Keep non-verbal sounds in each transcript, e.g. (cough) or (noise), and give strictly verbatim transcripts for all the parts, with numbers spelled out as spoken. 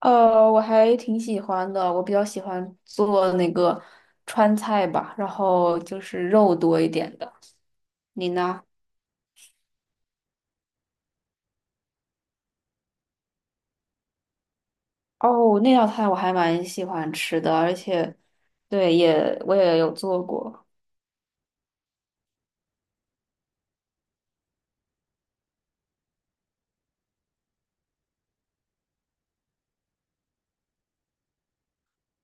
呃，我还挺喜欢的，我比较喜欢做那个川菜吧，然后就是肉多一点的。你呢？哦，那道菜我还蛮喜欢吃的，而且，对，也我也有做过。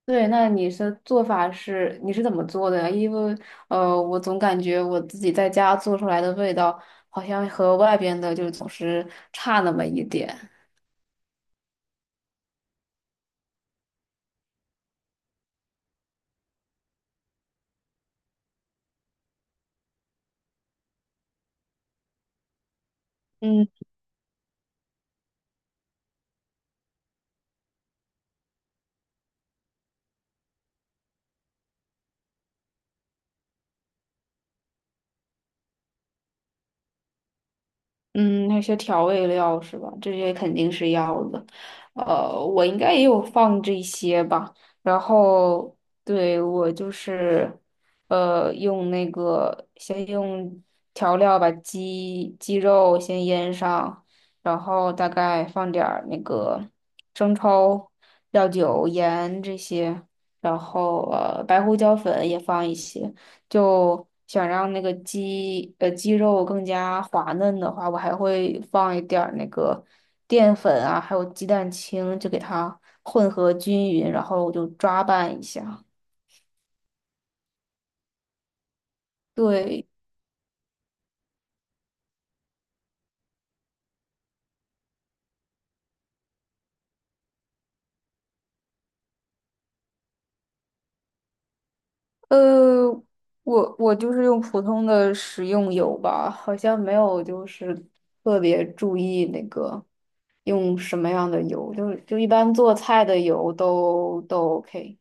对，那你是做法是你是怎么做的呀？因为呃，我总感觉我自己在家做出来的味道好像和外边的就总是差那么一点。嗯。嗯，那些调味料是吧？这些肯定是要的。呃，我应该也有放这些吧。然后，对，我就是，呃，用那个先用调料把鸡鸡肉先腌上，然后大概放点儿那个生抽、料酒、盐这些，然后呃白胡椒粉也放一些。就想让那个鸡呃鸡肉更加滑嫩的话，我还会放一点儿那个淀粉啊，还有鸡蛋清，就给它混合均匀，然后我就抓拌一下。对，呃，我我就是用普通的食用油吧，好像没有就是特别注意那个用什么样的油，就是就一般做菜的油都都 OK。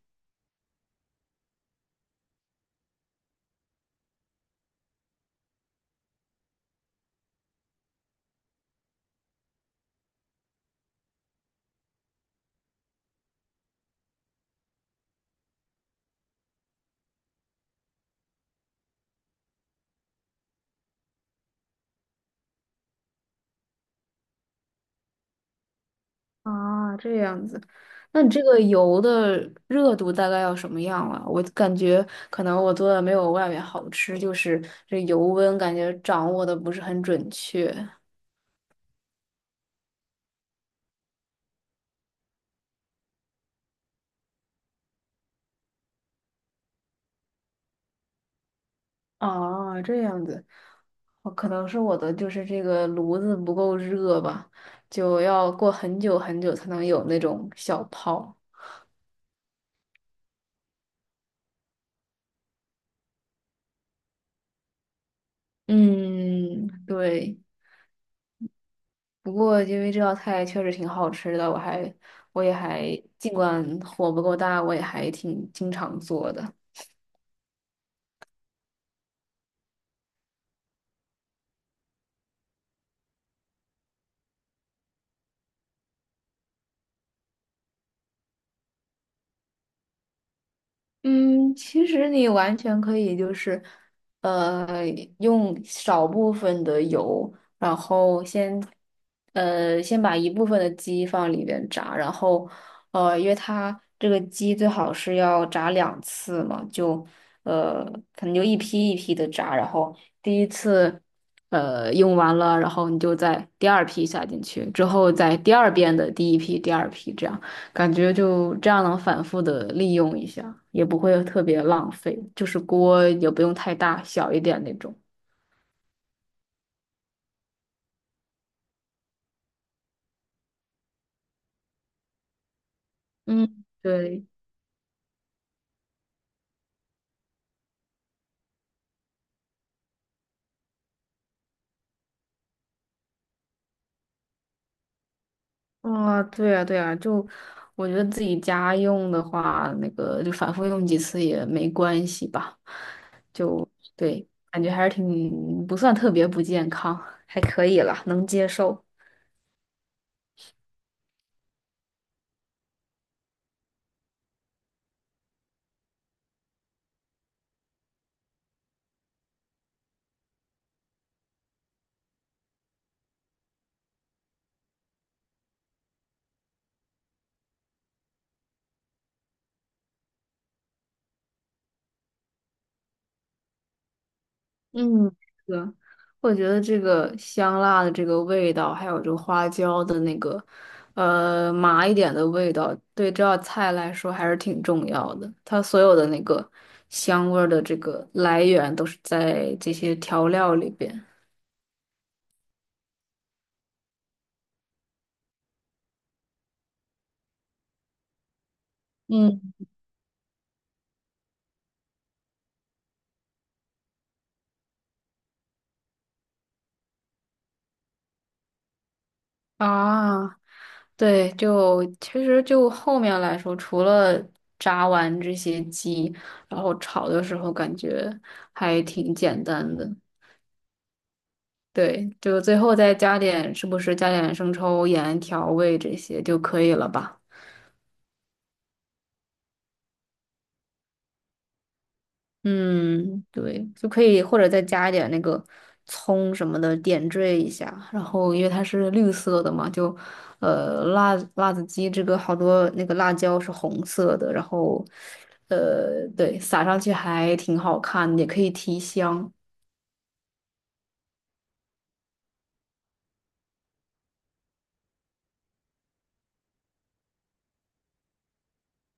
啊，这样子，那你这个油的热度大概要什么样啊？我感觉可能我做的没有外面好吃，就是这油温感觉掌握的不是很准确。啊，这样子，哦可能是我的就是这个炉子不够热吧，就要过很久很久才能有那种小泡。嗯，对。不过因为这道菜确实挺好吃的，我还我也还尽管火不够大，我也还挺经常做的。嗯，其实你完全可以就是，呃，用少部分的油，然后先，呃，先把一部分的鸡放里边炸，然后，呃，因为它这个鸡最好是要炸两次嘛，就，呃，可能就一批一批的炸，然后第一次，呃，用完了，然后你就在第二批下进去，之后在第二遍的第一批、第二批这样。感觉就这样能反复的利用一下，也不会特别浪费，就是锅也不用太大，小一点那种。嗯，对，啊，对啊对啊就我觉得自己家用的话，那个就反复用几次也没关系吧。就对，感觉还是挺不算特别不健康，还可以了，能接受。嗯，是的，我觉得这个香辣的这个味道，还有这个花椒的那个，呃，麻一点的味道，对这道菜来说还是挺重要的。它所有的那个香味儿的这个来源都是在这些调料里边。嗯啊，对，就其实就后面来说，除了炸完这些鸡，然后炒的时候感觉还挺简单的。对，就最后再加点，是不是加点生抽、盐、调味这些就可以了吧？嗯，对，就可以，或者再加一点那个葱什么的点缀一下。然后，因为它是绿色的嘛，就呃辣辣子鸡这个好多那个辣椒是红色的，然后呃对，撒上去还挺好看的也可以提香。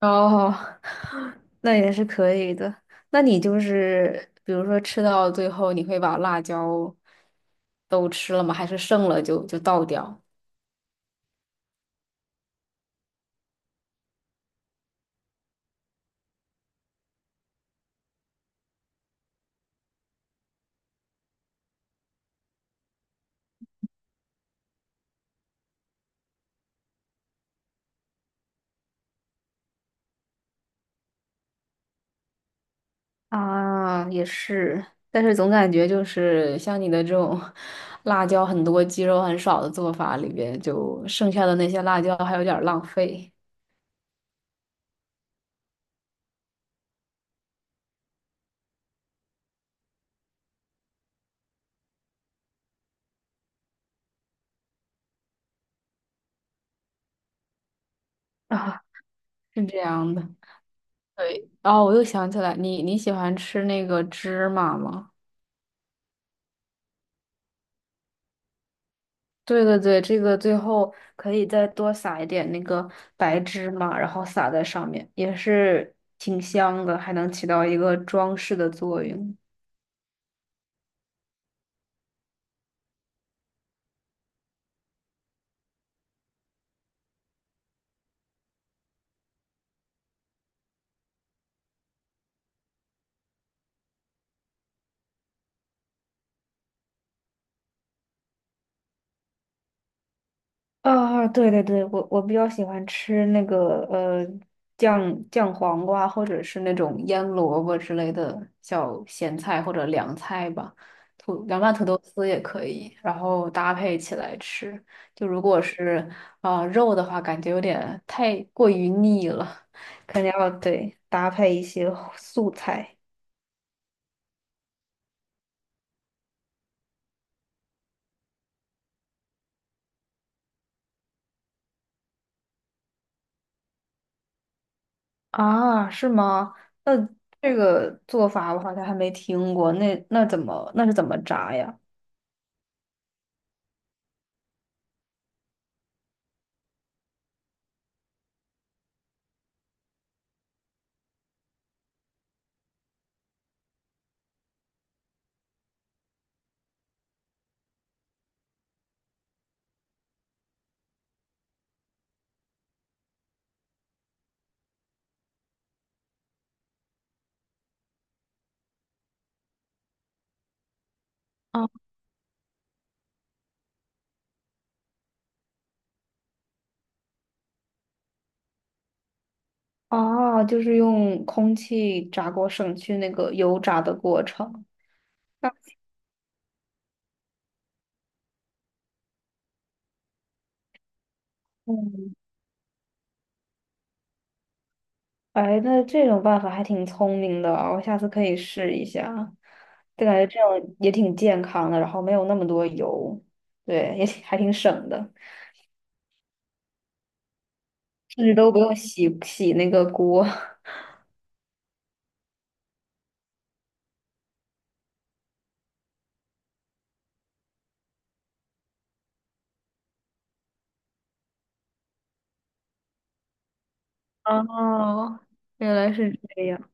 哦。那也是可以的。那你就是比如说吃到最后，你会把辣椒都吃了吗？还是剩了就就倒掉？啊，也是，但是总感觉就是像你的这种 (laughs) 辣椒很多、鸡肉很少的做法里边，就剩下的那些辣椒还有点儿浪费 (laughs) 啊，是这样的。对，哦，我又想起来，你你喜欢吃那个芝麻吗？对对对，这个最后可以再多撒一点那个白芝麻，然后撒在上面，也是挺香的，还能起到一个装饰的作用。啊，对对对，我我比较喜欢吃那个呃酱酱黄瓜，或者是那种腌萝卜之类的小咸菜或者凉菜吧，土凉拌土豆丝也可以，然后搭配起来吃。就如果是啊、呃肉的话，感觉有点太过于腻了，肯定要对搭配一些素菜啊，是吗？那这个做法我好像还没听过，那那怎么那是怎么炸呀？啊。哦，就是用空气炸锅省去那个油炸的过程。那嗯，哎，那这种办法还挺聪明的啊我下次可以试一下。对，感觉这样也挺健康的，然后没有那么多油，对，也挺还挺省的，甚至都不用洗洗那个锅。(laughs) 哦，原来是这样。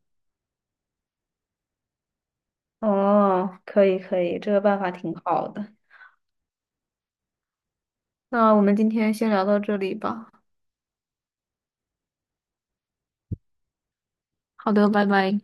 哦，可以可以，这个办法挺好的。那我们今天先聊到这里吧。好的，拜拜。